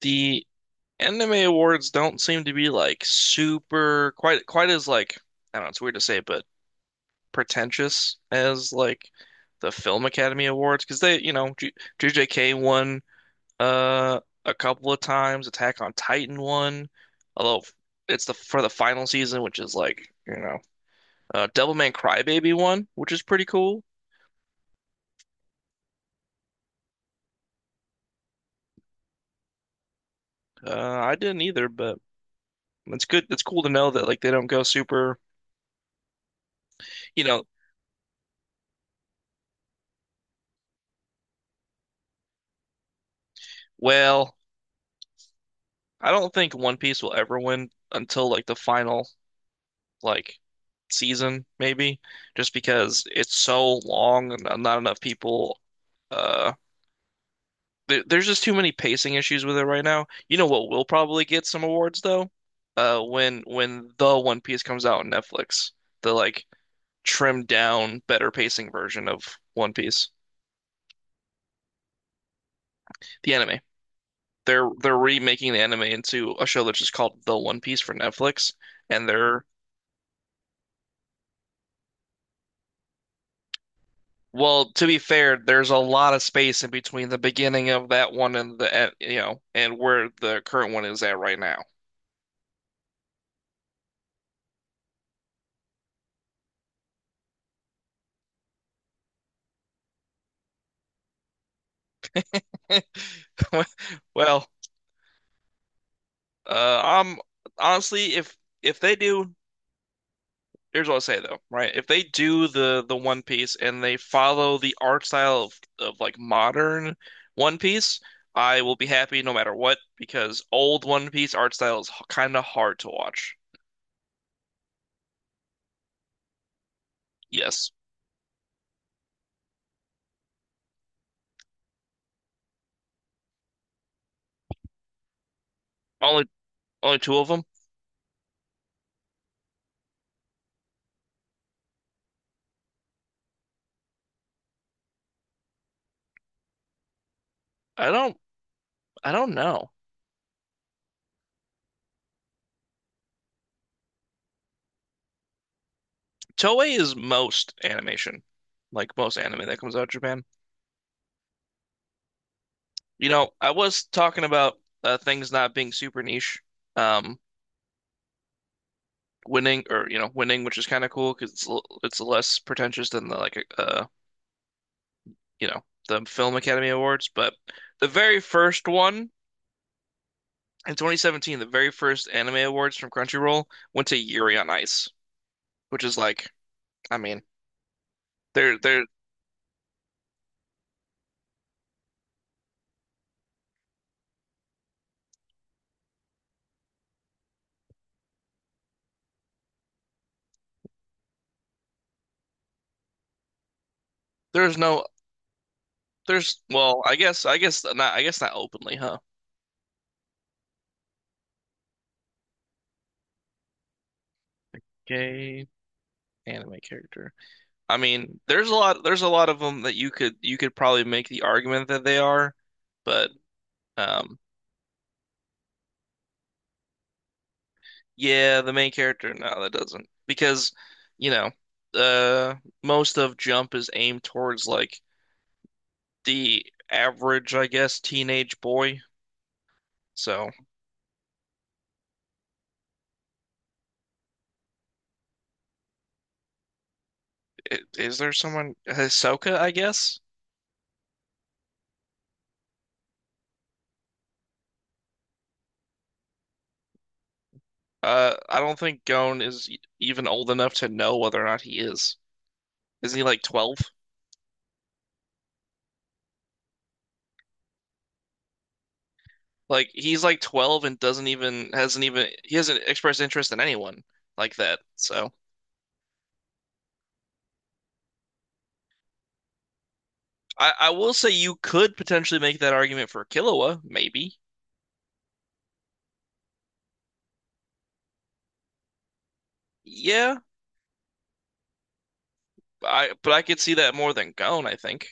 The anime awards don't seem to be like super quite as like, I don't know, it's weird to say, but pretentious as like the Film Academy Awards because, they, J JJK won a couple of times, Attack on Titan won, although it's the, for the final season, which is like, Devilman Crybaby won, which is pretty cool. Uh I didn't either, but it's good. It's cool to know that like they don't go super, you know, well. I don't think One Piece will ever win until like the final, like, season, maybe, just because it's so long and not enough people. Uh, there's just too many pacing issues with it right now. You know what will probably get some awards though? When the One Piece comes out on Netflix, the like trimmed down, better pacing version of One Piece, the anime. They're remaking the anime into a show that's just called The One Piece for Netflix, and they're— well, to be fair, there's a lot of space in between the beginning of that one and the and, you know, and where the current one is at right now. Well, I'm— honestly, if they do, here's what I'll say though, right? If they do the— the One Piece and they follow the art style of like modern One Piece, I will be happy no matter what because old One Piece art style is kind of hard to watch. Yes, only only two of them. I don't I don't know. Toei is most animation, like most anime that comes out of Japan. You know, I was talking about things not being super niche. Um, winning or, winning, which is kind of cool because it's it's less pretentious than the like you know the Film Academy Awards. But the very first one in 2017, the very first anime awards from Crunchyroll went to Yuri on Ice, which is like, I mean, there there's no there's well, I guess not openly, huh? Okay. Anime character. I mean, there's a lot of them that you could probably make the argument that they are, but um yeah, the main character, no, that doesn't. Because, you know, uh most of Jump is aimed towards like the average, I guess, teenage boy. So, is there someone— Hisoka, I guess? I don't think Gon is even old enough to know whether or not he is. Isn't he like 12? Like he's like 12 and doesn't even— hasn't even— he hasn't expressed interest in anyone like that. So I will say you could potentially make that argument for Killua, maybe. Yeah, I— but I could see that more than Gon, I think.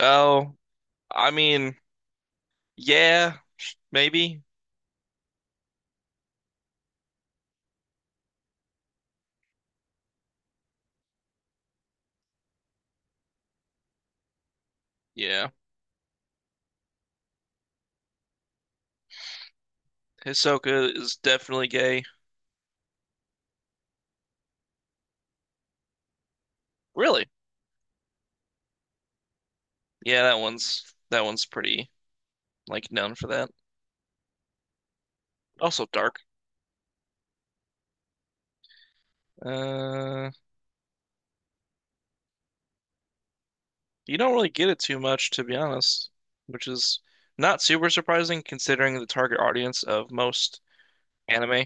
Oh, I mean, yeah, maybe. Yeah. Hisoka is definitely gay. Really? Yeah, that one's pretty like known for that. Also dark. Uh, you don't really get it too much, to be honest, which is not super surprising considering the target audience of most anime.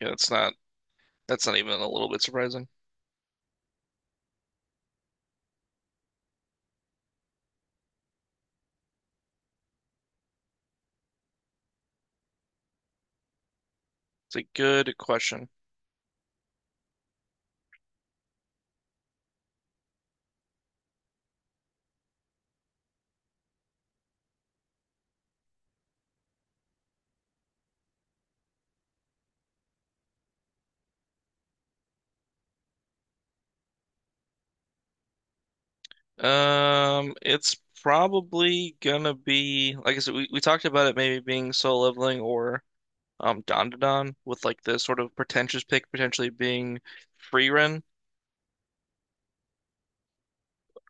Yeah, it's not— that's not even a little bit surprising. It's a good question. It's probably gonna be, like I said, we talked about it maybe being Soul Leveling or Dandadan, with like the sort of pretentious pick potentially being Frieren.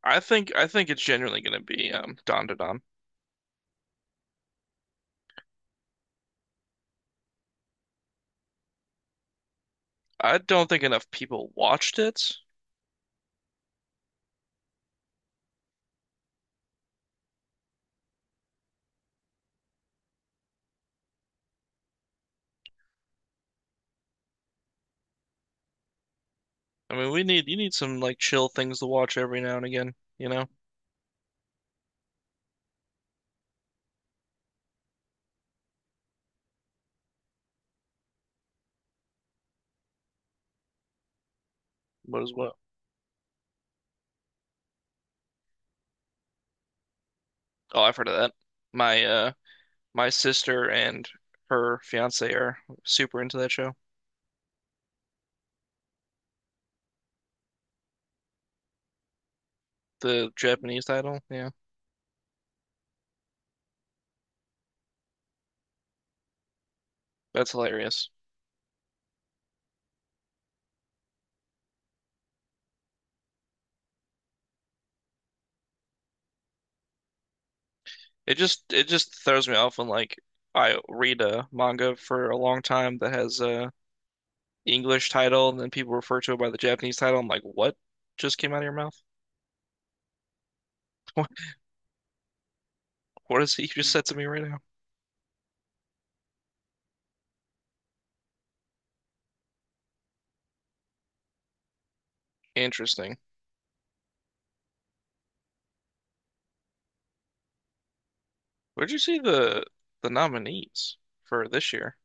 I think it's genuinely gonna be Dandadan. I don't think enough people watched it. I mean, we need— you need some like chill things to watch every now and again, you know? What is what? Oh, I've heard of that. My my sister and her fiance are super into that show. The Japanese title, yeah. That's hilarious. It just throws me off when like I read a manga for a long time that has a English title and then people refer to it by the Japanese title. I'm like, what just came out of your mouth? What— what is it you just said to me right now? Interesting. Where'd you see the— the nominees for this year?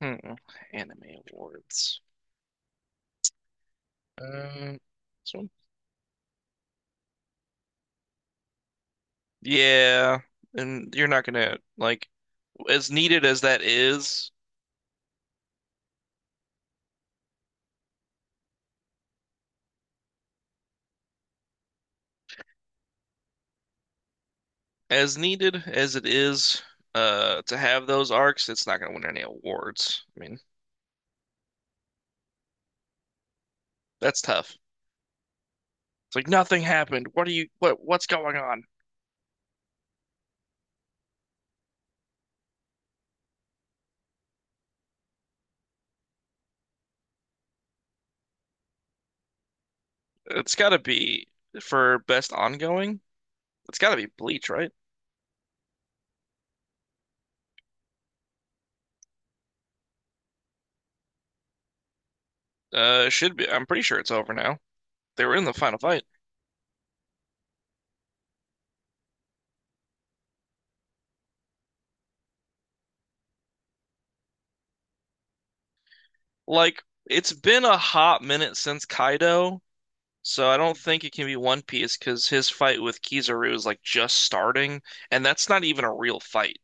Hmm. Anime awards. Um, this one? Yeah, and you're not gonna like— as needed as that is, as needed as it is, to have those arcs, it's not gonna win any awards. I mean, that's tough. It's like nothing happened. What are you? What— what's going on? It's gotta be for best ongoing. It's gotta be Bleach, right? It should be. I'm pretty sure it's over now. They were in the final fight. Like, it's been a hot minute since Kaido. So I don't think it can be One Piece because his fight with Kizaru is like just starting, and that's not even a real fight.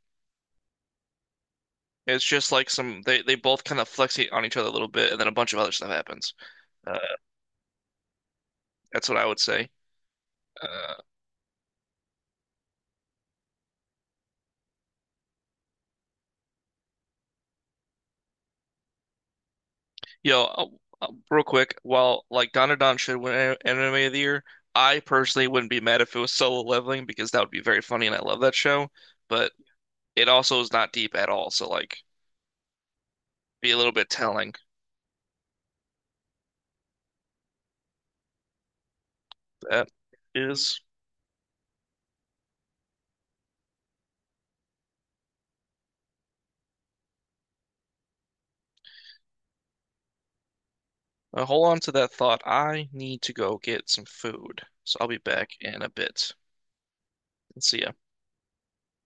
It's just like some— they both kind of flex on each other a little bit, and then a bunch of other stuff happens. Uh, that's what I would say. Uh, yo, real quick, while like Dandadan should win Anime of the Year, I personally wouldn't be mad if it was Solo Leveling because that would be very funny, and I love that show. But it also is not deep at all, so like— be a little bit telling. That is. Hold on to that thought. I need to go get some food. So I'll be back in a bit. See ya.